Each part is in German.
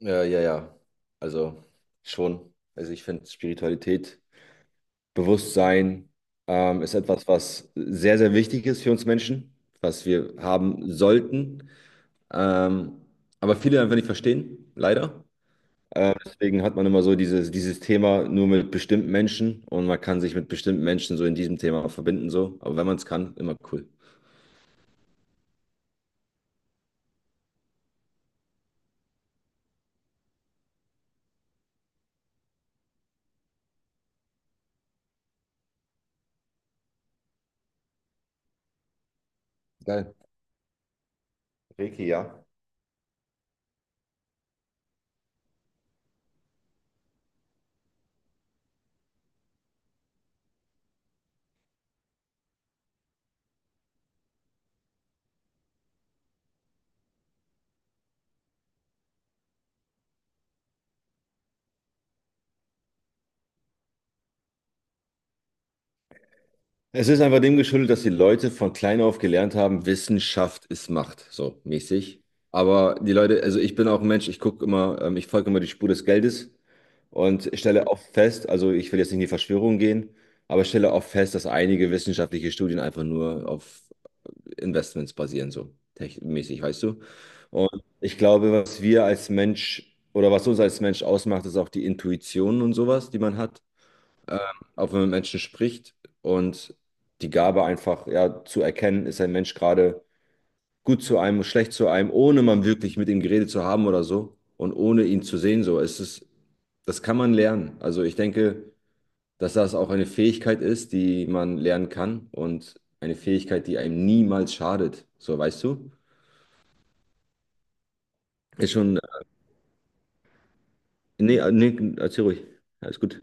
Ja, ja, ja. Also schon. Also ich finde Spiritualität, Bewusstsein ist etwas, was sehr, sehr wichtig ist für uns Menschen, was wir haben sollten. Ähm, aber viele einfach nicht verstehen, leider. Deswegen hat man immer so dieses Thema nur mit bestimmten Menschen, und man kann sich mit bestimmten Menschen so in diesem Thema verbinden. So. Aber wenn man es kann, immer cool. Geil. Reiki, ja. Es ist einfach dem geschuldet, dass die Leute von klein auf gelernt haben, Wissenschaft ist Macht, so mäßig. Aber die Leute, also ich bin auch ein Mensch, ich gucke immer, ich folge immer die Spur des Geldes. Und ich stelle oft fest, also ich will jetzt nicht in die Verschwörung gehen, aber ich stelle oft fest, dass einige wissenschaftliche Studien einfach nur auf Investments basieren, so mäßig, weißt du? Und ich glaube, was wir als Mensch oder was uns als Mensch ausmacht, ist auch die Intuition und sowas, die man hat, auch wenn man mit Menschen spricht, und die Gabe, einfach ja, zu erkennen, ist ein Mensch gerade gut zu einem, schlecht zu einem, ohne man wirklich mit ihm geredet zu haben oder so und ohne ihn zu sehen. So, es ist, das kann man lernen. Also ich denke, dass das auch eine Fähigkeit ist, die man lernen kann, und eine Fähigkeit, die einem niemals schadet. So, weißt du? Ist schon, nee, nee, erzähl ruhig. Alles gut.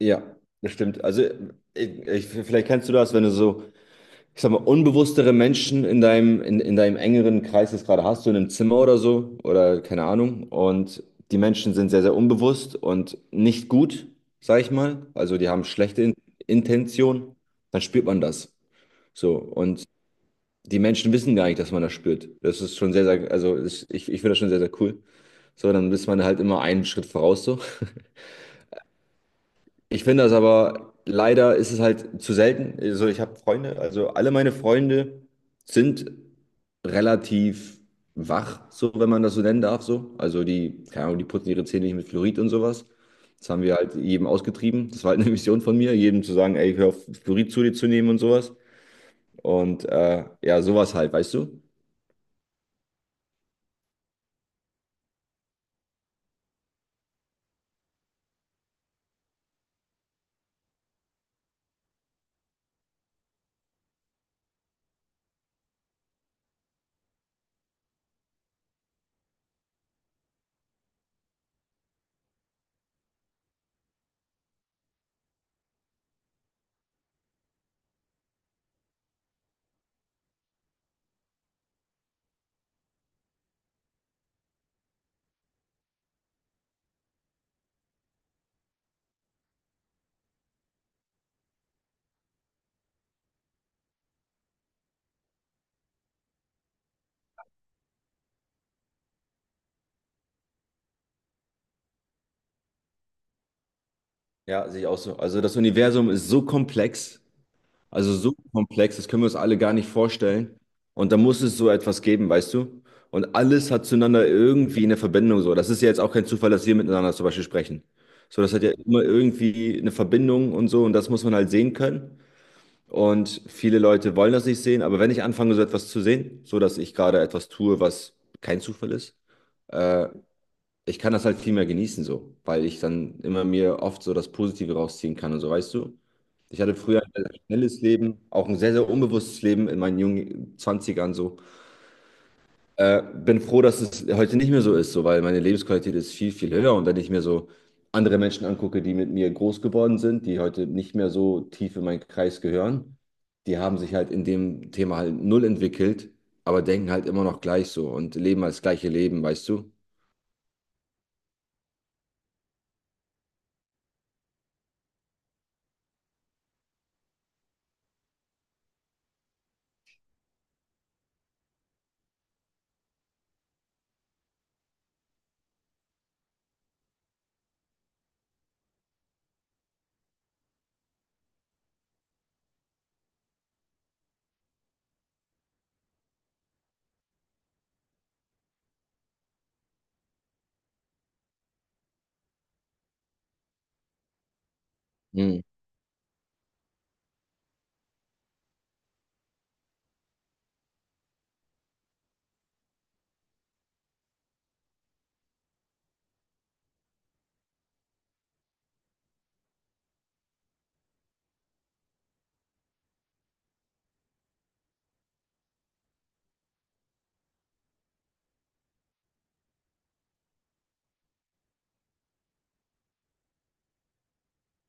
Ja, das stimmt. Also vielleicht kennst du das, wenn du so, ich sag mal, unbewusstere Menschen in in deinem engeren Kreis das gerade hast, du in einem Zimmer oder so, oder keine Ahnung. Und die Menschen sind sehr, sehr unbewusst und nicht gut, sag ich mal. Also die haben schlechte In Intention, dann spürt man das. So. Und die Menschen wissen gar nicht, dass man das spürt. Das ist schon sehr, sehr, also ist, ich finde das schon sehr, sehr cool. So, dann ist man halt immer einen Schritt voraus so. Ich finde das aber, leider ist es halt zu selten. Also ich habe Freunde, also alle meine Freunde sind relativ wach, so wenn man das so nennen darf, so. Also die, keine Ahnung, die putzen ihre Zähne nicht mit Fluorid und sowas. Das haben wir halt jedem ausgetrieben. Das war halt eine Mission von mir, jedem zu sagen, ey, hör auf, Fluorid zu dir zu nehmen und sowas. Und ja, sowas halt, weißt du? Ja, sehe ich auch so. Also das Universum ist so komplex. Also so komplex, das können wir uns alle gar nicht vorstellen. Und da muss es so etwas geben, weißt du? Und alles hat zueinander irgendwie eine Verbindung so. Das ist ja jetzt auch kein Zufall, dass wir miteinander zum Beispiel sprechen. So, das hat ja immer irgendwie eine Verbindung und so. Und das muss man halt sehen können. Und viele Leute wollen das nicht sehen. Aber wenn ich anfange, so etwas zu sehen, so dass ich gerade etwas tue, was kein Zufall ist, äh, ich kann das halt viel mehr genießen so, weil ich dann immer mir oft so das Positive rausziehen kann und so, weißt du? Ich hatte früher ein sehr, sehr schnelles Leben, auch ein sehr, sehr unbewusstes Leben in meinen jungen Zwanzigern. So. Bin froh, dass es heute nicht mehr so ist, so, weil meine Lebensqualität ist viel, viel höher. Und wenn ich mir so andere Menschen angucke, die mit mir groß geworden sind, die heute nicht mehr so tief in meinen Kreis gehören, die haben sich halt in dem Thema halt null entwickelt, aber denken halt immer noch gleich so und leben als gleiche Leben, weißt du? Hm.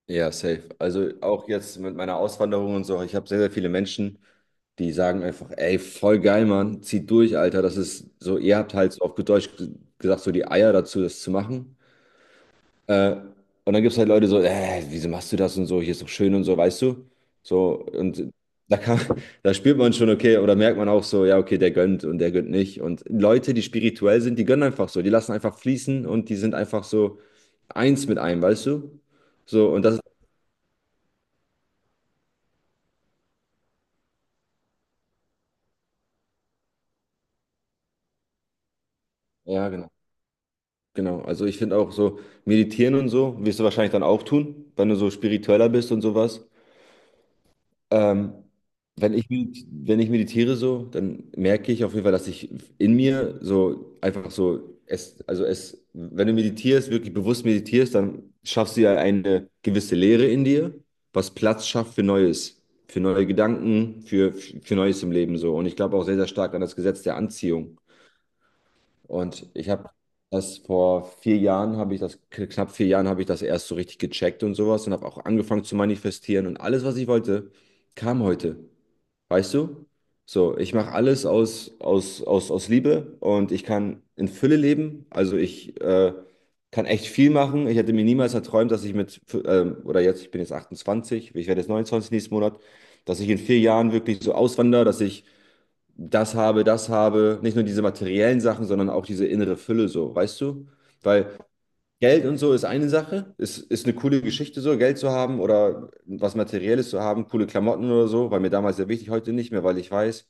Ja, safe. Also auch jetzt mit meiner Auswanderung und so, ich habe sehr, sehr viele Menschen. Die sagen einfach, ey, voll geil, Mann, zieht durch, Alter. Das ist so, ihr habt halt so, auf gut Deutsch gesagt, so die Eier dazu, das zu machen. Äh, und dann gibt es halt Leute so, wieso machst du das und so, hier ist doch schön und so, weißt du? So, und da kann, da spürt man schon, okay, oder merkt man auch so, ja, okay, der gönnt und der gönnt nicht. Und Leute, die spirituell sind, die gönnen einfach so, die lassen einfach fließen und die sind einfach so eins mit einem, weißt du? So, und das, ja, genau. Genau, also ich finde auch so meditieren und so, wirst du wahrscheinlich dann auch tun, wenn du so spiritueller bist und sowas. Ähm, Wenn ich, wenn ich meditiere so, dann merke ich auf jeden Fall, dass ich in mir so einfach so, es, also es, wenn du meditierst, wirklich bewusst meditierst, dann schaffst du ja eine gewisse Leere in dir, was Platz schafft für Neues, für neue Gedanken, für Neues im Leben so. Und ich glaube auch sehr, sehr stark an das Gesetz der Anziehung. Und ich habe das vor 4 Jahren, habe ich das, knapp 4 Jahren habe ich das erst so richtig gecheckt und sowas, und habe auch angefangen zu manifestieren, und alles, was ich wollte, kam heute. Weißt du? So, ich mache alles aus Liebe, und ich kann in Fülle leben. Also ich kann echt viel machen. Ich hätte mir niemals erträumt, dass ich mit, oder jetzt, ich bin jetzt 28, ich werde jetzt 29 nächsten Monat, dass ich in 4 Jahren wirklich so auswandere, dass ich das habe, nicht nur diese materiellen Sachen, sondern auch diese innere Fülle so, weißt du? Weil Geld und so ist eine Sache, ist eine coole Geschichte so, Geld zu haben oder was Materielles zu haben, coole Klamotten oder so, war mir damals sehr wichtig, heute nicht mehr, weil ich weiß,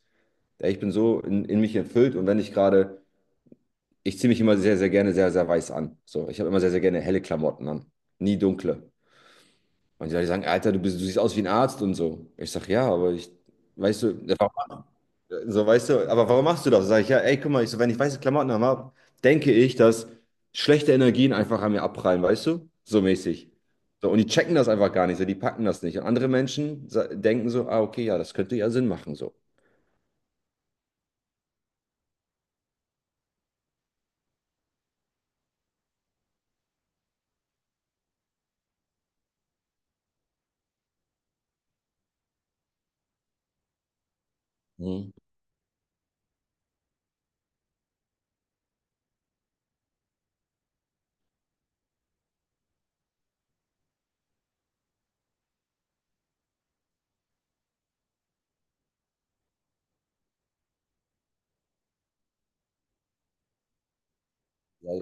ey, ich bin so in mich erfüllt, und wenn ich gerade, ich ziehe mich immer sehr, sehr gerne sehr, sehr weiß an. So, ich habe immer sehr, sehr gerne helle Klamotten an, nie dunkle. Und die Leute sagen, Alter, du bist, du siehst aus wie ein Arzt und so. Ich sage, ja, aber ich, weißt du. So, weißt du, aber warum machst du das? Sag ich, ja, ey, guck mal, ich so, wenn ich weiße Klamotten habe, denke ich, dass schlechte Energien einfach an mir abprallen, weißt du? So mäßig. So, und die checken das einfach gar nicht, so, die packen das nicht. Und andere Menschen denken so, ah, okay, ja, das könnte ja Sinn machen, so. Mhm. Ja,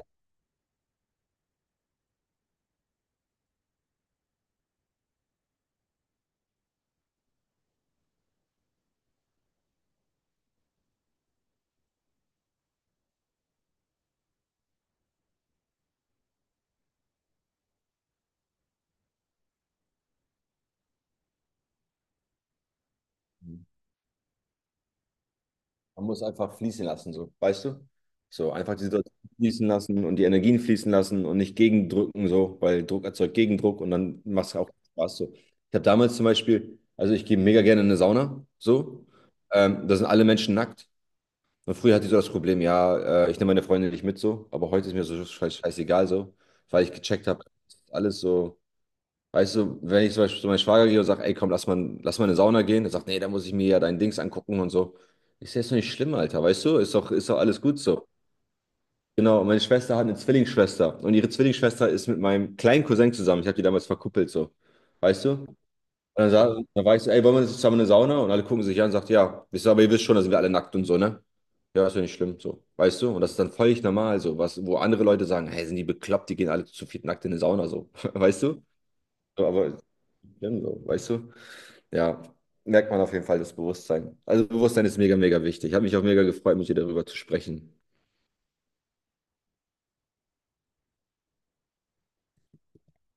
ja. Man muss einfach fließen lassen, so, weißt du? So, einfach die Situation fließen lassen und die Energien fließen lassen und nicht gegendrücken, so, weil Druck erzeugt Gegendruck, und dann macht es auch Spaß, so. Ich habe damals zum Beispiel, also ich gehe mega gerne in eine Sauna, so, da sind alle Menschen nackt. Und früher hatte ich so das Problem, ja, ich nehme meine Freundin nicht mit, so, aber heute ist mir so scheißegal, so, weil ich gecheckt habe, alles so. Weißt du, wenn ich zum Beispiel zu meinem Schwager gehe und sage, ey, komm, lass mal in eine Sauna gehen, er sagt, nee, da muss ich mir ja dein Dings angucken und so. Ich sehe, ist doch nicht schlimm, Alter, weißt du? Ist doch alles gut so. Genau, und meine Schwester hat eine Zwillingsschwester, und ihre Zwillingsschwester ist mit meinem kleinen Cousin zusammen. Ich habe die damals verkuppelt, so. Weißt du? Und dann, dann war ich so, ey, wollen wir jetzt zusammen in eine Sauna? Und alle gucken sich an und sagt, ja, wisst ihr, aber ihr wisst schon, da sind wir alle nackt und so, ne? Ja, ist ja nicht schlimm, so. Weißt du? Und das ist dann völlig normal, so. Was, wo andere Leute sagen, hey, sind die bekloppt, die gehen alle zu viert nackt in eine Sauna, so. Weißt du? So, aber schlimm, so, weißt du? Ja, merkt man auf jeden Fall das Bewusstsein. Also Bewusstsein ist mega, mega wichtig. Hat mich auch mega gefreut, mit dir darüber zu sprechen.